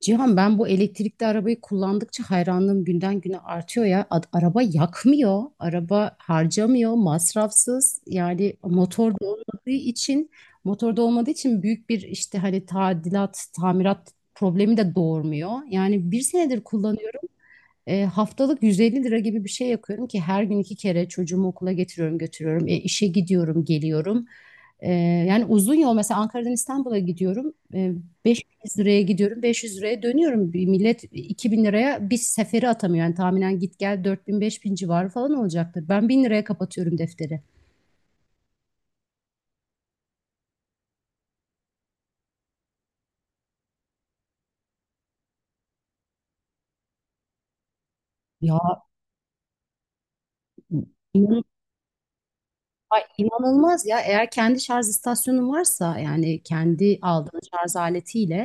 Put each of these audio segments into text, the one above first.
Cihan, ben bu elektrikli arabayı kullandıkça hayranlığım günden güne artıyor ya. Araba yakmıyor, araba harcamıyor, masrafsız. Yani motor da olmadığı için büyük bir işte hani tadilat, tamirat problemi de doğurmuyor. Yani bir senedir kullanıyorum. Haftalık 150 lira gibi bir şey yapıyorum ki her gün iki kere çocuğumu okula getiriyorum, götürüyorum. E, işe gidiyorum, geliyorum. E, yani uzun yol, mesela Ankara'dan İstanbul'a gidiyorum. 500 liraya gidiyorum, 500 liraya dönüyorum. Bir millet 2.000 liraya bir seferi atamıyor. Yani tahminen git gel 4000 bin civarı falan olacaktır. Ben 1000 liraya kapatıyorum defteri. Ya Ay, inanılmaz ya. Eğer kendi şarj istasyonun varsa, yani kendi aldığın şarj aletiyle,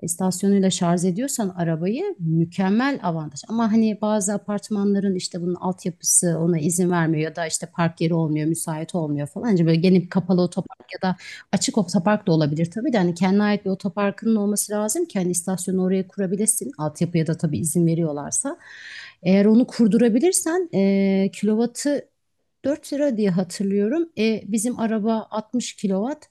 istasyonuyla şarj ediyorsan arabayı, mükemmel avantaj. Ama hani bazı apartmanların işte bunun altyapısı ona izin vermiyor ya da işte park yeri olmuyor, müsait olmuyor falan. Hani böyle gelip kapalı otopark ya da açık otopark da olabilir tabii, de hani kendine ait bir otoparkının olması lazım ki hani istasyonu oraya kurabilesin. Altyapıya da tabii izin veriyorlarsa. Eğer onu kurdurabilirsen, kilovatı 4 lira diye hatırlıyorum. Bizim araba 60 kilowatt.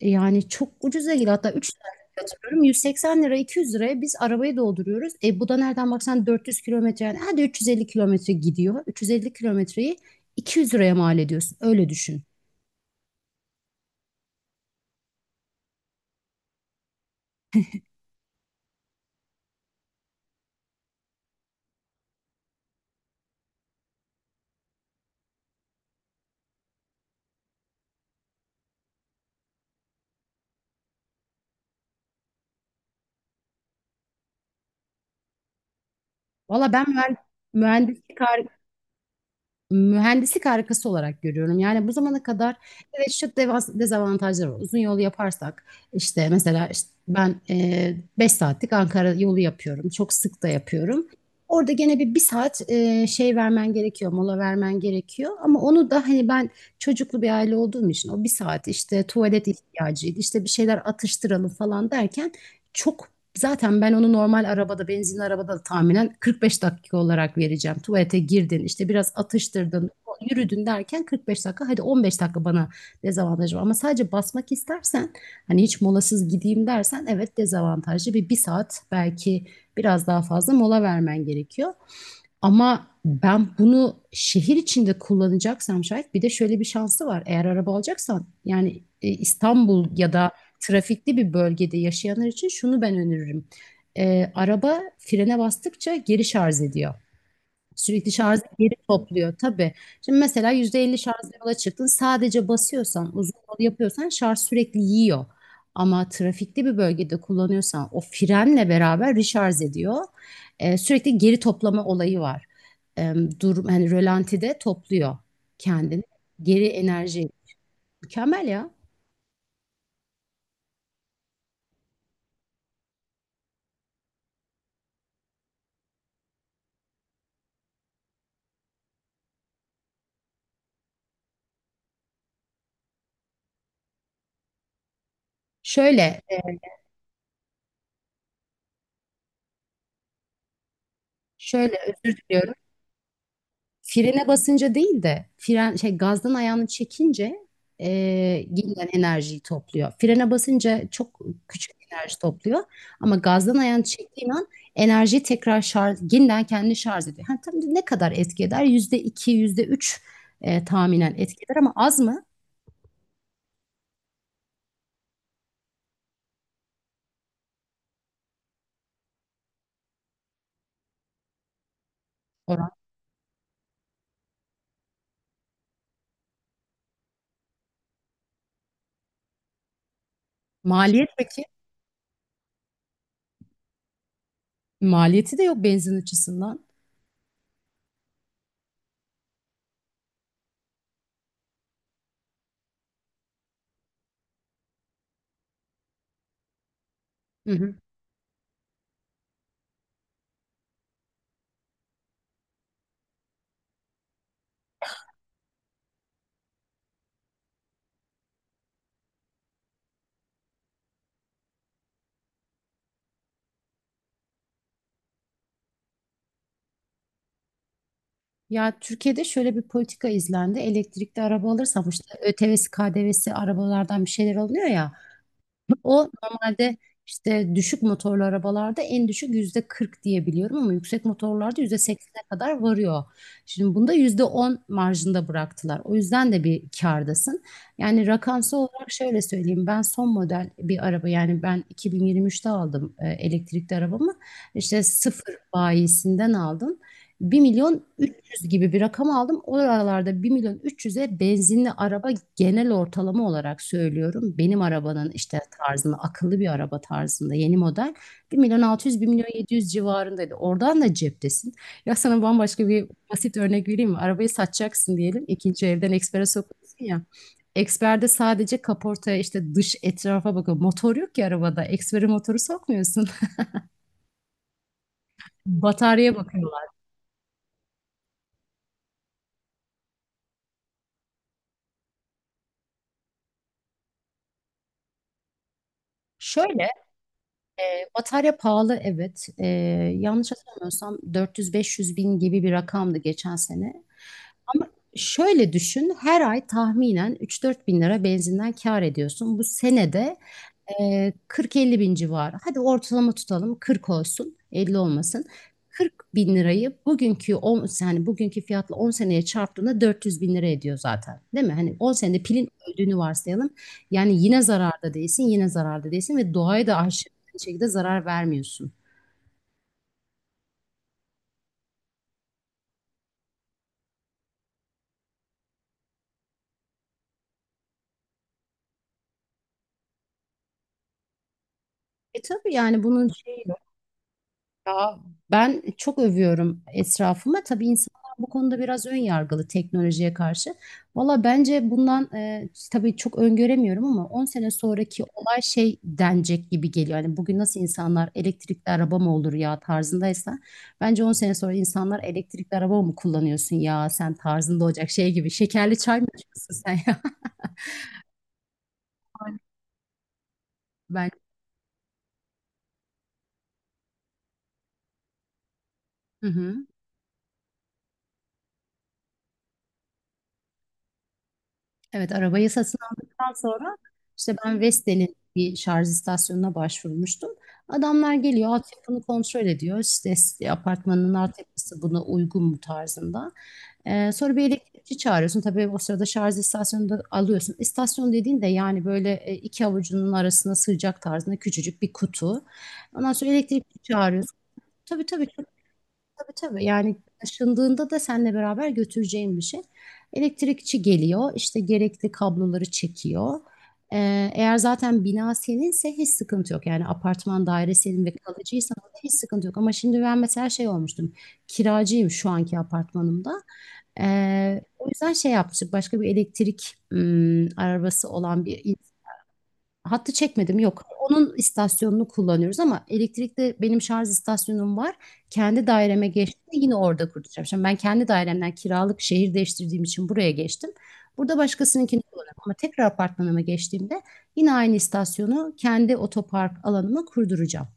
Yani çok ucuza geliyor. Hatta 3 lira diye hatırlıyorum. 180 lira, 200 liraya biz arabayı dolduruyoruz. Bu da nereden baksan 400 kilometre, yani hadi 350 kilometre gidiyor. 350 kilometreyi 200 liraya mal ediyorsun. Öyle düşün. Valla ben mühendislik mühendislik harikası olarak görüyorum. Yani bu zamana kadar evet, şu dezavantajlar var. Uzun yolu yaparsak, işte mesela işte ben 5 saatlik Ankara yolu yapıyorum. Çok sık da yapıyorum. Orada gene bir saat şey vermen gerekiyor, mola vermen gerekiyor. Ama onu da hani ben çocuklu bir aile olduğum için o bir saat işte tuvalet ihtiyacıydı, işte bir şeyler atıştıralım falan derken çok zaten ben onu normal arabada, benzinli arabada da tahminen 45 dakika olarak vereceğim. Tuvalete girdin, işte biraz atıştırdın, yürüdün derken 45 dakika. Hadi 15 dakika bana dezavantajı var. Ama sadece basmak istersen, hani hiç molasız gideyim dersen, evet, dezavantajlı. Bir saat belki biraz daha fazla mola vermen gerekiyor. Ama ben bunu şehir içinde kullanacaksam şayet, bir de şöyle bir şansı var. Eğer araba alacaksan, yani İstanbul ya da trafikli bir bölgede yaşayanlar için şunu ben öneririm. Araba frene bastıkça geri şarj ediyor. Sürekli şarjı geri topluyor tabii. Şimdi mesela %50 şarjla yola çıktın. Sadece basıyorsan, uzun yol yapıyorsan, şarj sürekli yiyor. Ama trafikli bir bölgede kullanıyorsan o frenle beraber recharge ediyor. Sürekli geri toplama olayı var. Ee, hani rölantide topluyor kendini. Geri enerji. Mükemmel ya. Şöyle, e, şöyle, özür diliyorum. Frene basınca değil de, fren gazdan ayağını çekince, e, gelen enerjiyi topluyor. Frene basınca çok küçük enerji topluyor ama gazdan ayağını çektiğin an enerjiyi tekrar şarj, yeniden kendini şarj ediyor. Ha, tam ne kadar etki eder? %2, %3 tahminen etki eder, ama az mı oran? Maliyet peki? Maliyeti de yok benzin açısından. Hı hı. Ya, Türkiye'de şöyle bir politika izlendi. Elektrikli araba alırsam işte ÖTV'si, KDV'si, arabalardan bir şeyler alınıyor ya. O normalde işte düşük motorlu arabalarda en düşük %40 diye biliyorum ama yüksek motorlarda yüzde 80'e kadar varıyor. Şimdi bunda %10 marjında bıraktılar. O yüzden de bir kârdasın. Yani rakamsal olarak şöyle söyleyeyim. Ben son model bir araba, yani ben 2023'te aldım elektrikli arabamı. İşte sıfır bayisinden aldım. Bir milyon yüz gibi bir rakam aldım. O aralarda 1 milyon 300'e benzinli araba, genel ortalama olarak söylüyorum, benim arabanın işte tarzında, akıllı bir araba tarzında yeni model 1 milyon 600, 1 milyon 700 civarındaydı. Oradan da ceptesin. Ya, sana bambaşka bir basit örnek vereyim mi? Arabayı satacaksın diyelim. İkinci evden ekspere sokuyorsun ya. Eksperde sadece kaportaya, işte dış etrafa bakıyor. Motor yok ki arabada. Ekspere motoru sokmuyorsun. Bataryaya bakıyorlar. Şöyle Batarya pahalı, evet. Yanlış hatırlamıyorsam 400-500 bin gibi bir rakamdı geçen sene. Ama şöyle düşün, her ay tahminen 3-4 bin lira benzinden kâr ediyorsun. Bu senede 40-50 bin civarı. Hadi ortalama tutalım. 40 olsun, 50 olmasın. 40 bin lirayı bugünkü 10, yani bugünkü fiyatla 10 seneye çarptığında 400 bin lira ediyor zaten. Değil mi? Hani 10 senede pilin öldüğünü varsayalım. Yani yine zararda değilsin, yine zararda değilsin, ve doğaya da aşırı bir şekilde zarar vermiyorsun. E tabii yani bunun şey Ya, ben çok övüyorum etrafıma. Tabii insanlar bu konuda biraz ön yargılı teknolojiye karşı. Valla bence bundan, tabii çok öngöremiyorum, ama 10 sene sonraki olay şey denecek gibi geliyor. Yani bugün nasıl insanlar elektrikli araba mı olur ya tarzındaysa, bence 10 sene sonra insanlar elektrikli araba mı kullanıyorsun ya sen tarzında olacak, şey gibi. Şekerli çay mı içiyorsun sen ya? Ben. Hı hı. Evet, arabayı satın aldıktan sonra işte ben Vestel'in bir şarj istasyonuna başvurmuştum. Adamlar geliyor, altyapını kontrol ediyor. İşte apartmanın altyapısı buna uygun mu tarzında. Sonra bir elektrikçi çağırıyorsun. Tabii o sırada şarj istasyonunu da alıyorsun. İstasyon dediğin de yani böyle iki avucunun arasına sığacak tarzında küçücük bir kutu. Ondan sonra elektrikçi çağırıyorsun. Tabii tabii. Tabii Yani taşındığında da seninle beraber götüreceğim bir şey. Elektrikçi geliyor, işte gerekli kabloları çekiyor. Eğer zaten bina seninse hiç sıkıntı yok. Yani apartman daire senin ve kalıcıysan orada hiç sıkıntı yok. Ama şimdi ben mesela şey olmuştum. Kiracıyım şu anki apartmanımda. O yüzden şey yapmıştık. Başka bir elektrik arabası olan hattı çekmedim, yok. Onun istasyonunu kullanıyoruz ama elektrikte benim şarj istasyonum var. Kendi daireme geçtiğimde yine orada kuracağım. Şimdi ben kendi dairemden kiralık şehir değiştirdiğim için buraya geçtim. Burada başkasınınkini kullanıyorum ama tekrar apartmanıma geçtiğimde yine aynı istasyonu kendi otopark alanıma kurduracağım.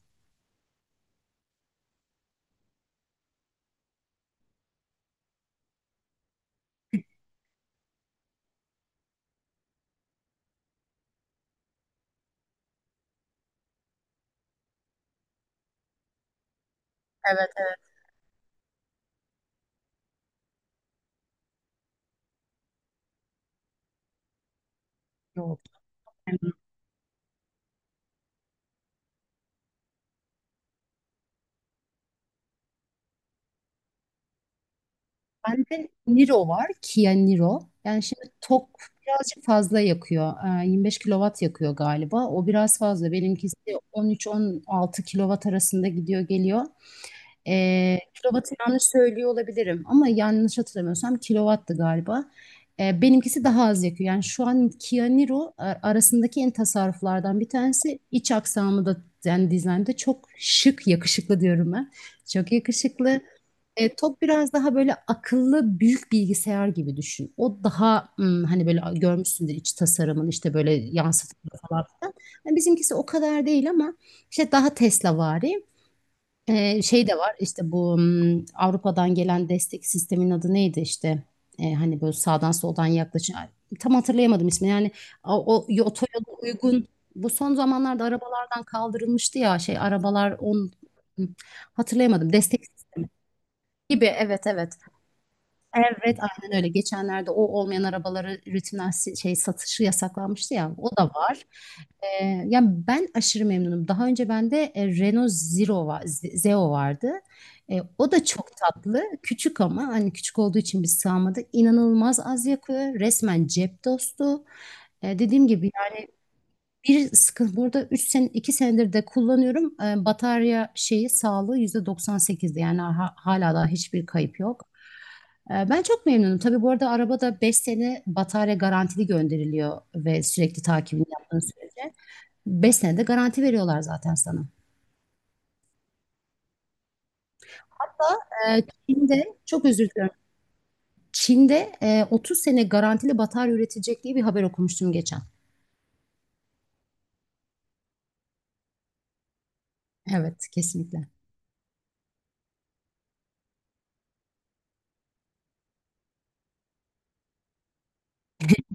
Evet, evet. Yok. Bende Niro var. Kia Niro. Yani şimdi tok birazcık fazla yakıyor. 25 kilowatt yakıyor galiba. O biraz fazla. Benimkisi 13-16 kilowatt arasında gidiyor geliyor. Kilovatı yanlış söylüyor olabilirim ama yanlış hatırlamıyorsam kilovattı galiba. Benimkisi daha az yakıyor. Yani şu an Kia Niro arasındaki en tasarruflardan bir tanesi. İç aksamı da, yani dizaynda çok şık, yakışıklı diyorum ben. Çok yakışıklı. Top biraz daha böyle akıllı büyük bilgisayar gibi düşün. O daha hani böyle görmüşsündür, iç tasarımın işte böyle yansıtıklı falan filan. Yani bizimkisi o kadar değil ama işte daha Tesla'vari. Şey de var işte bu Avrupa'dan gelen destek sistemin adı neydi işte. Hani böyle sağdan soldan yaklaşan, ay, tam hatırlayamadım ismini, yani otoyola uygun, bu son zamanlarda arabalardan kaldırılmıştı ya şey arabalar on. Hı, hatırlayamadım destek gibi. Evet, evet, Evet, aynen öyle. Geçenlerde o olmayan arabaları rutinler şey satışı yasaklanmıştı ya. O da var. Yani ben aşırı memnunum. Daha önce bende Renault Zero var, Zeo vardı. O da çok tatlı. Küçük, ama hani küçük olduğu için biz sığamadık. İnanılmaz az yakıyor. Resmen cep dostu. Dediğim gibi yani, bir sıkıntı, burada 3 sene 2 senedir de kullanıyorum. Batarya şeyi sağlığı %98'di. Yani hala daha hiçbir kayıp yok. Ben çok memnunum. Tabii bu arada arabada 5 sene batarya garantili gönderiliyor ve sürekli takibini yaptığın sürece 5 sene de garanti veriyorlar zaten sana. Ee, Çin'de çok özür diliyorum. Çin'de 30 sene garantili batarya üretilecek diye bir haber okumuştum geçen. Evet, kesinlikle.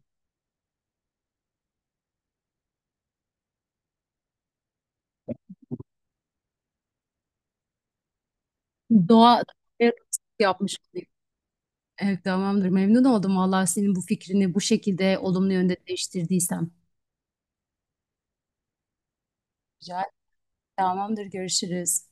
Doğa Evet, yapmış olayım. Evet, tamamdır. Memnun oldum vallahi, senin bu fikrini bu şekilde olumlu yönde değiştirdiysem. Rica ederim. Tamamdır. Görüşürüz.